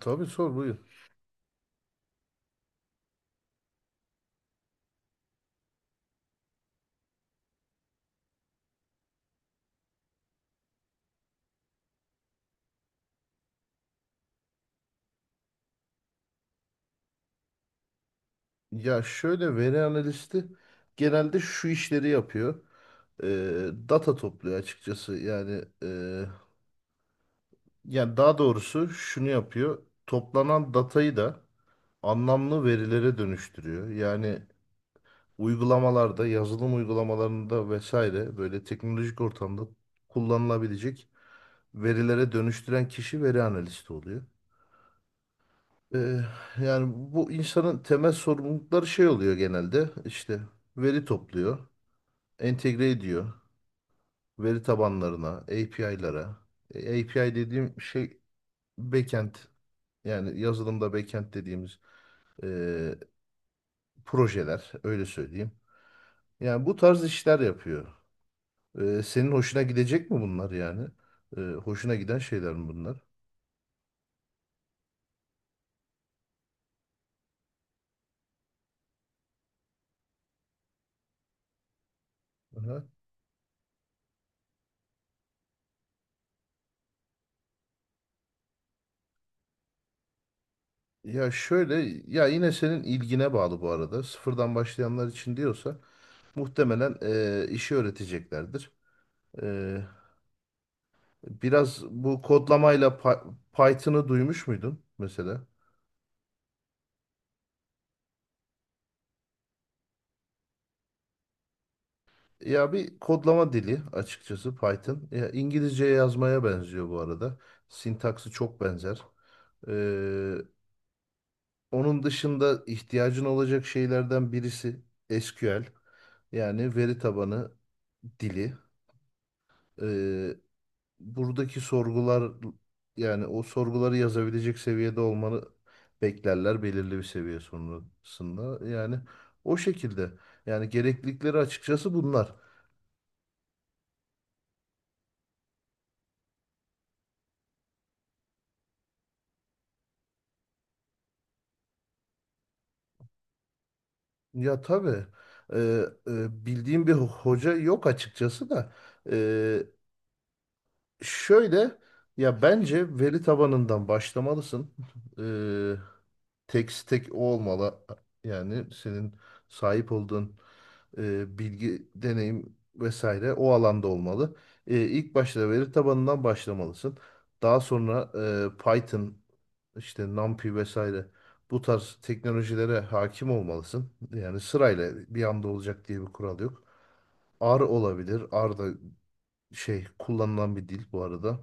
Tabii sor buyur. Ya şöyle, veri analisti genelde şu işleri yapıyor. Data topluyor açıkçası. Yani daha doğrusu şunu yapıyor. Toplanan datayı da anlamlı verilere dönüştürüyor. Yani uygulamalarda, yazılım uygulamalarında vesaire, böyle teknolojik ortamda kullanılabilecek verilere dönüştüren kişi veri analisti oluyor. Ee, Yani bu insanın temel sorumlulukları şey oluyor genelde. İşte veri topluyor, entegre ediyor veri tabanlarına, API'lara. API dediğim şey backend, yani yazılımda backend dediğimiz e, projeler, öyle söyleyeyim. Yani bu tarz işler yapıyor. Senin hoşuna gidecek mi bunlar yani? Hoşuna giden şeyler mi bunlar? Aha. Ya şöyle, ya yine senin ilgine bağlı bu arada. Sıfırdan başlayanlar için diyorsa muhtemelen işi öğreteceklerdir. E, Biraz bu kodlamayla Python'ı duymuş muydun mesela? Ya bir kodlama dili açıkçası Python. Ya İngilizce yazmaya benziyor bu arada. Sintaksı çok benzer. Ee, Onun dışında ihtiyacın olacak şeylerden birisi SQL. Yani veri tabanı dili. Ee, Buradaki sorgular, yani o sorguları yazabilecek seviyede olmanı beklerler belirli bir seviye sonrasında. Yani o şekilde. Yani gereklilikleri açıkçası bunlar. Ya tabii, e, bildiğim bir hoca yok açıkçası da. Şöyle, ya bence veri tabanından başlamalısın. Ee, Tek tek o olmalı. Yani senin sahip olduğun bilgi, deneyim vesaire o alanda olmalı. İlk başta veri tabanından başlamalısın. Daha sonra Python, işte NumPy vesaire, bu tarz teknolojilere hakim olmalısın. Yani sırayla, bir anda olacak diye bir kural yok. R olabilir. R da şey, kullanılan bir dil bu arada.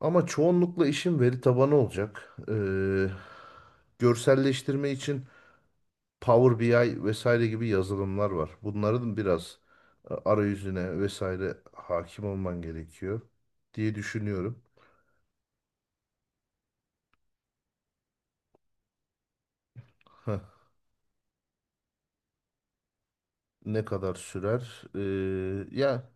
Ama çoğunlukla işin veri tabanı olacak. Görselleştirme için Power BI vesaire gibi yazılımlar var. Bunların biraz arayüzüne vesaire hakim olman gerekiyor diye düşünüyorum. Heh, ne kadar sürer? Ee, ya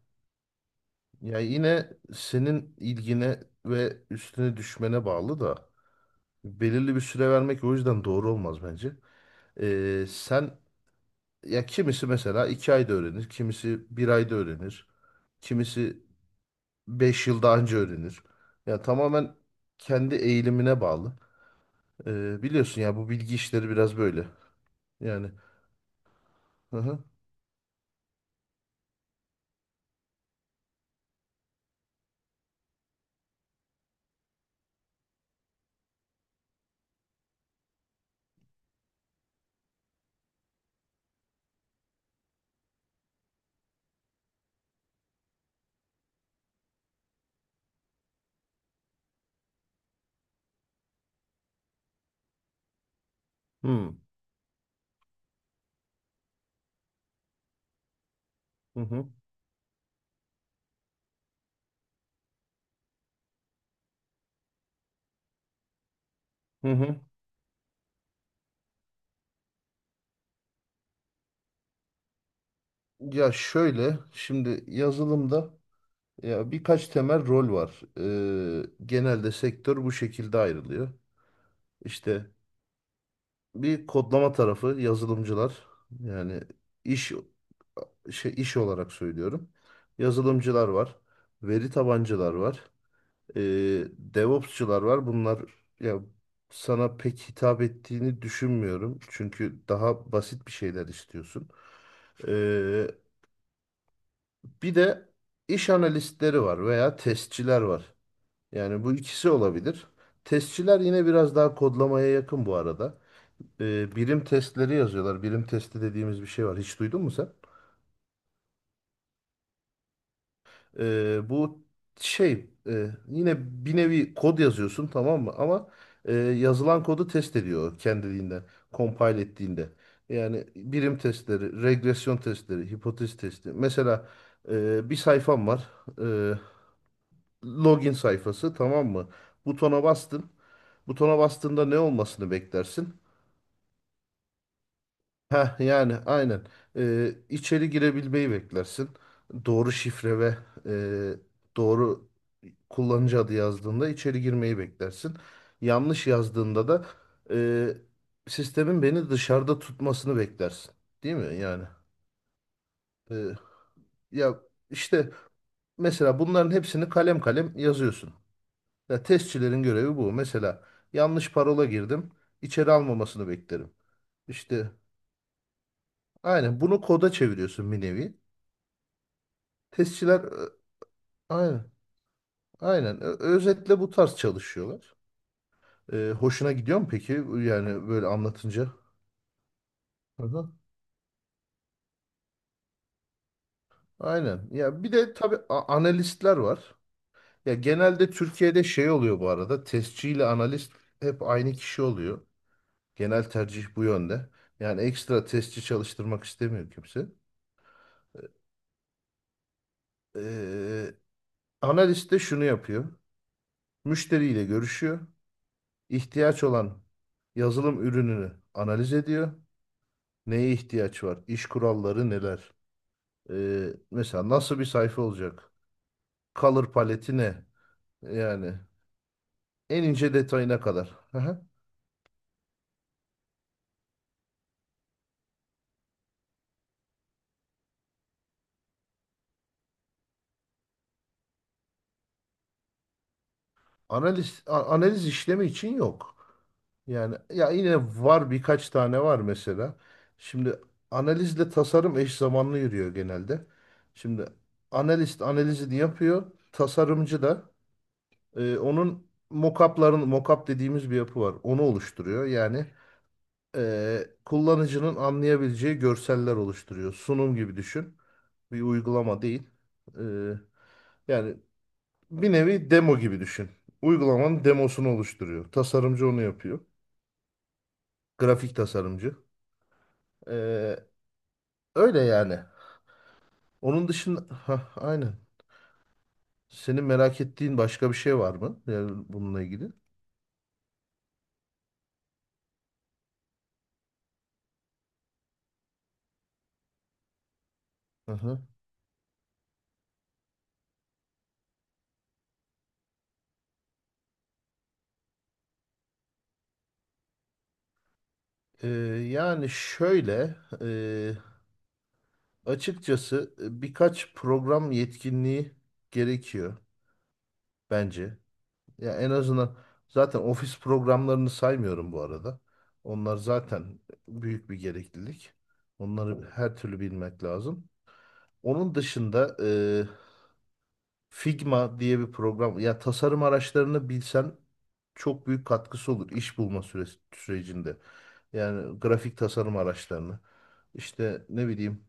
ya yine senin ilgine ve üstüne düşmene bağlı da, belirli bir süre vermek o yüzden doğru olmaz bence. Sen ya kimisi mesela iki ayda öğrenir, kimisi bir ayda öğrenir. Kimisi 5 yıl daha önce öğrenir. Ya tamamen kendi eğilimine bağlı. Biliyorsun ya, bu bilgi işleri biraz böyle. Yani, hı hı. Hmm. Hı hı. Hı hı. Ya şöyle, şimdi yazılımda ya birkaç temel rol var. Genelde sektör bu şekilde ayrılıyor. İşte bir kodlama tarafı, yazılımcılar, yani iş, iş olarak söylüyorum. Yazılımcılar var. Veri tabancılar var. e, DevOps'çılar var. Bunlar, ya sana pek hitap ettiğini düşünmüyorum. Çünkü daha basit bir şeyler istiyorsun. E, Bir de iş analistleri var veya testçiler var. Yani bu ikisi olabilir. Testçiler yine biraz daha kodlamaya yakın bu arada. Birim testleri yazıyorlar. Birim testi dediğimiz bir şey var. Hiç duydun mu sen? Ee, bu Yine bir nevi kod yazıyorsun, tamam mı? Ama yazılan kodu test ediyor kendiliğinden, compile ettiğinde. Yani birim testleri, regresyon testleri, hipotez testi. Mesela bir sayfam var. e, Login sayfası, tamam mı? Butona bastın. Butona bastığında ne olmasını beklersin? Heh, yani aynen. İçeri girebilmeyi beklersin. Doğru şifre ve doğru kullanıcı adı yazdığında içeri girmeyi beklersin. Yanlış yazdığında da sistemin beni dışarıda tutmasını beklersin. Değil mi? Yani e, ya işte mesela bunların hepsini kalem kalem yazıyorsun. Ya testçilerin görevi bu. Mesela yanlış parola girdim. İçeri almamasını beklerim. İşte aynen bunu koda çeviriyorsun bir nevi. Testçiler, aynen. Aynen. Özetle bu tarz çalışıyorlar. Hoşuna gidiyor mu peki? Yani böyle anlatınca. Hı-hı. Aynen. Ya bir de tabii analistler var. Ya genelde Türkiye'de şey oluyor bu arada. Testçi ile analist hep aynı kişi oluyor. Genel tercih bu yönde. Yani ekstra testçi çalıştırmak istemiyor kimse. E, Analist de şunu yapıyor. Müşteriyle görüşüyor. İhtiyaç olan yazılım ürününü analiz ediyor. Neye ihtiyaç var? İş kuralları neler? Mesela nasıl bir sayfa olacak? Color paleti ne? Yani en ince detayına kadar. Aha. Analiz, analiz işlemi için yok. Yani ya yine var, birkaç tane var mesela. Şimdi analizle tasarım eş zamanlı yürüyor genelde. Şimdi analist analizini yapıyor. Tasarımcı da onun mockupların, mockup dediğimiz bir yapı var. Onu oluşturuyor. Yani kullanıcının anlayabileceği görseller oluşturuyor. Sunum gibi düşün. Bir uygulama değil. E, yani bir nevi demo gibi düşün. Uygulamanın demosunu oluşturuyor. Tasarımcı onu yapıyor. Grafik tasarımcı. E, Öyle yani. Onun dışında, hah, aynen. Senin merak ettiğin başka bir şey var mı? Yani bununla ilgili. Hı hı. E, yani şöyle e, Açıkçası birkaç program yetkinliği gerekiyor bence. Ya en azından, zaten ofis programlarını saymıyorum bu arada. Onlar zaten büyük bir gereklilik. Onları her türlü bilmek lazım. Onun dışında Figma diye bir program, ya tasarım araçlarını bilsen çok büyük katkısı olur iş bulma süresi, sürecinde. Yani grafik tasarım araçlarını, işte ne bileyim,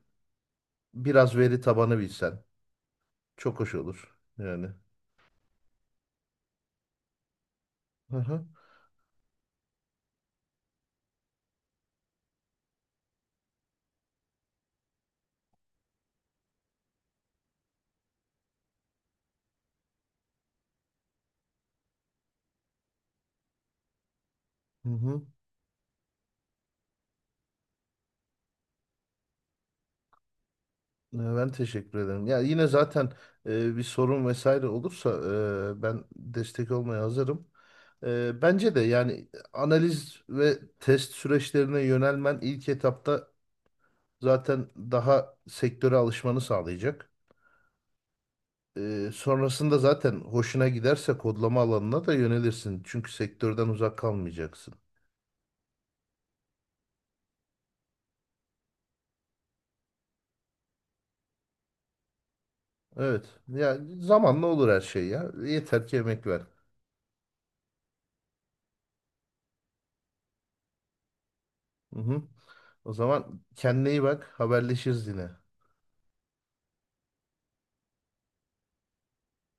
biraz veri tabanı bilsen çok hoş olur yani. Hı hı. Hı hı. Ben teşekkür ederim. Ya yine zaten bir sorun vesaire olursa ben destek olmaya hazırım. Bence de yani analiz ve test süreçlerine yönelmen ilk etapta zaten daha sektöre alışmanı sağlayacak. Sonrasında zaten hoşuna giderse kodlama alanına da yönelirsin. Çünkü sektörden uzak kalmayacaksın. Evet. Ya zamanla olur her şey ya. Yeter ki emek ver. Hı hı. O zaman kendine iyi bak. Haberleşiriz yine.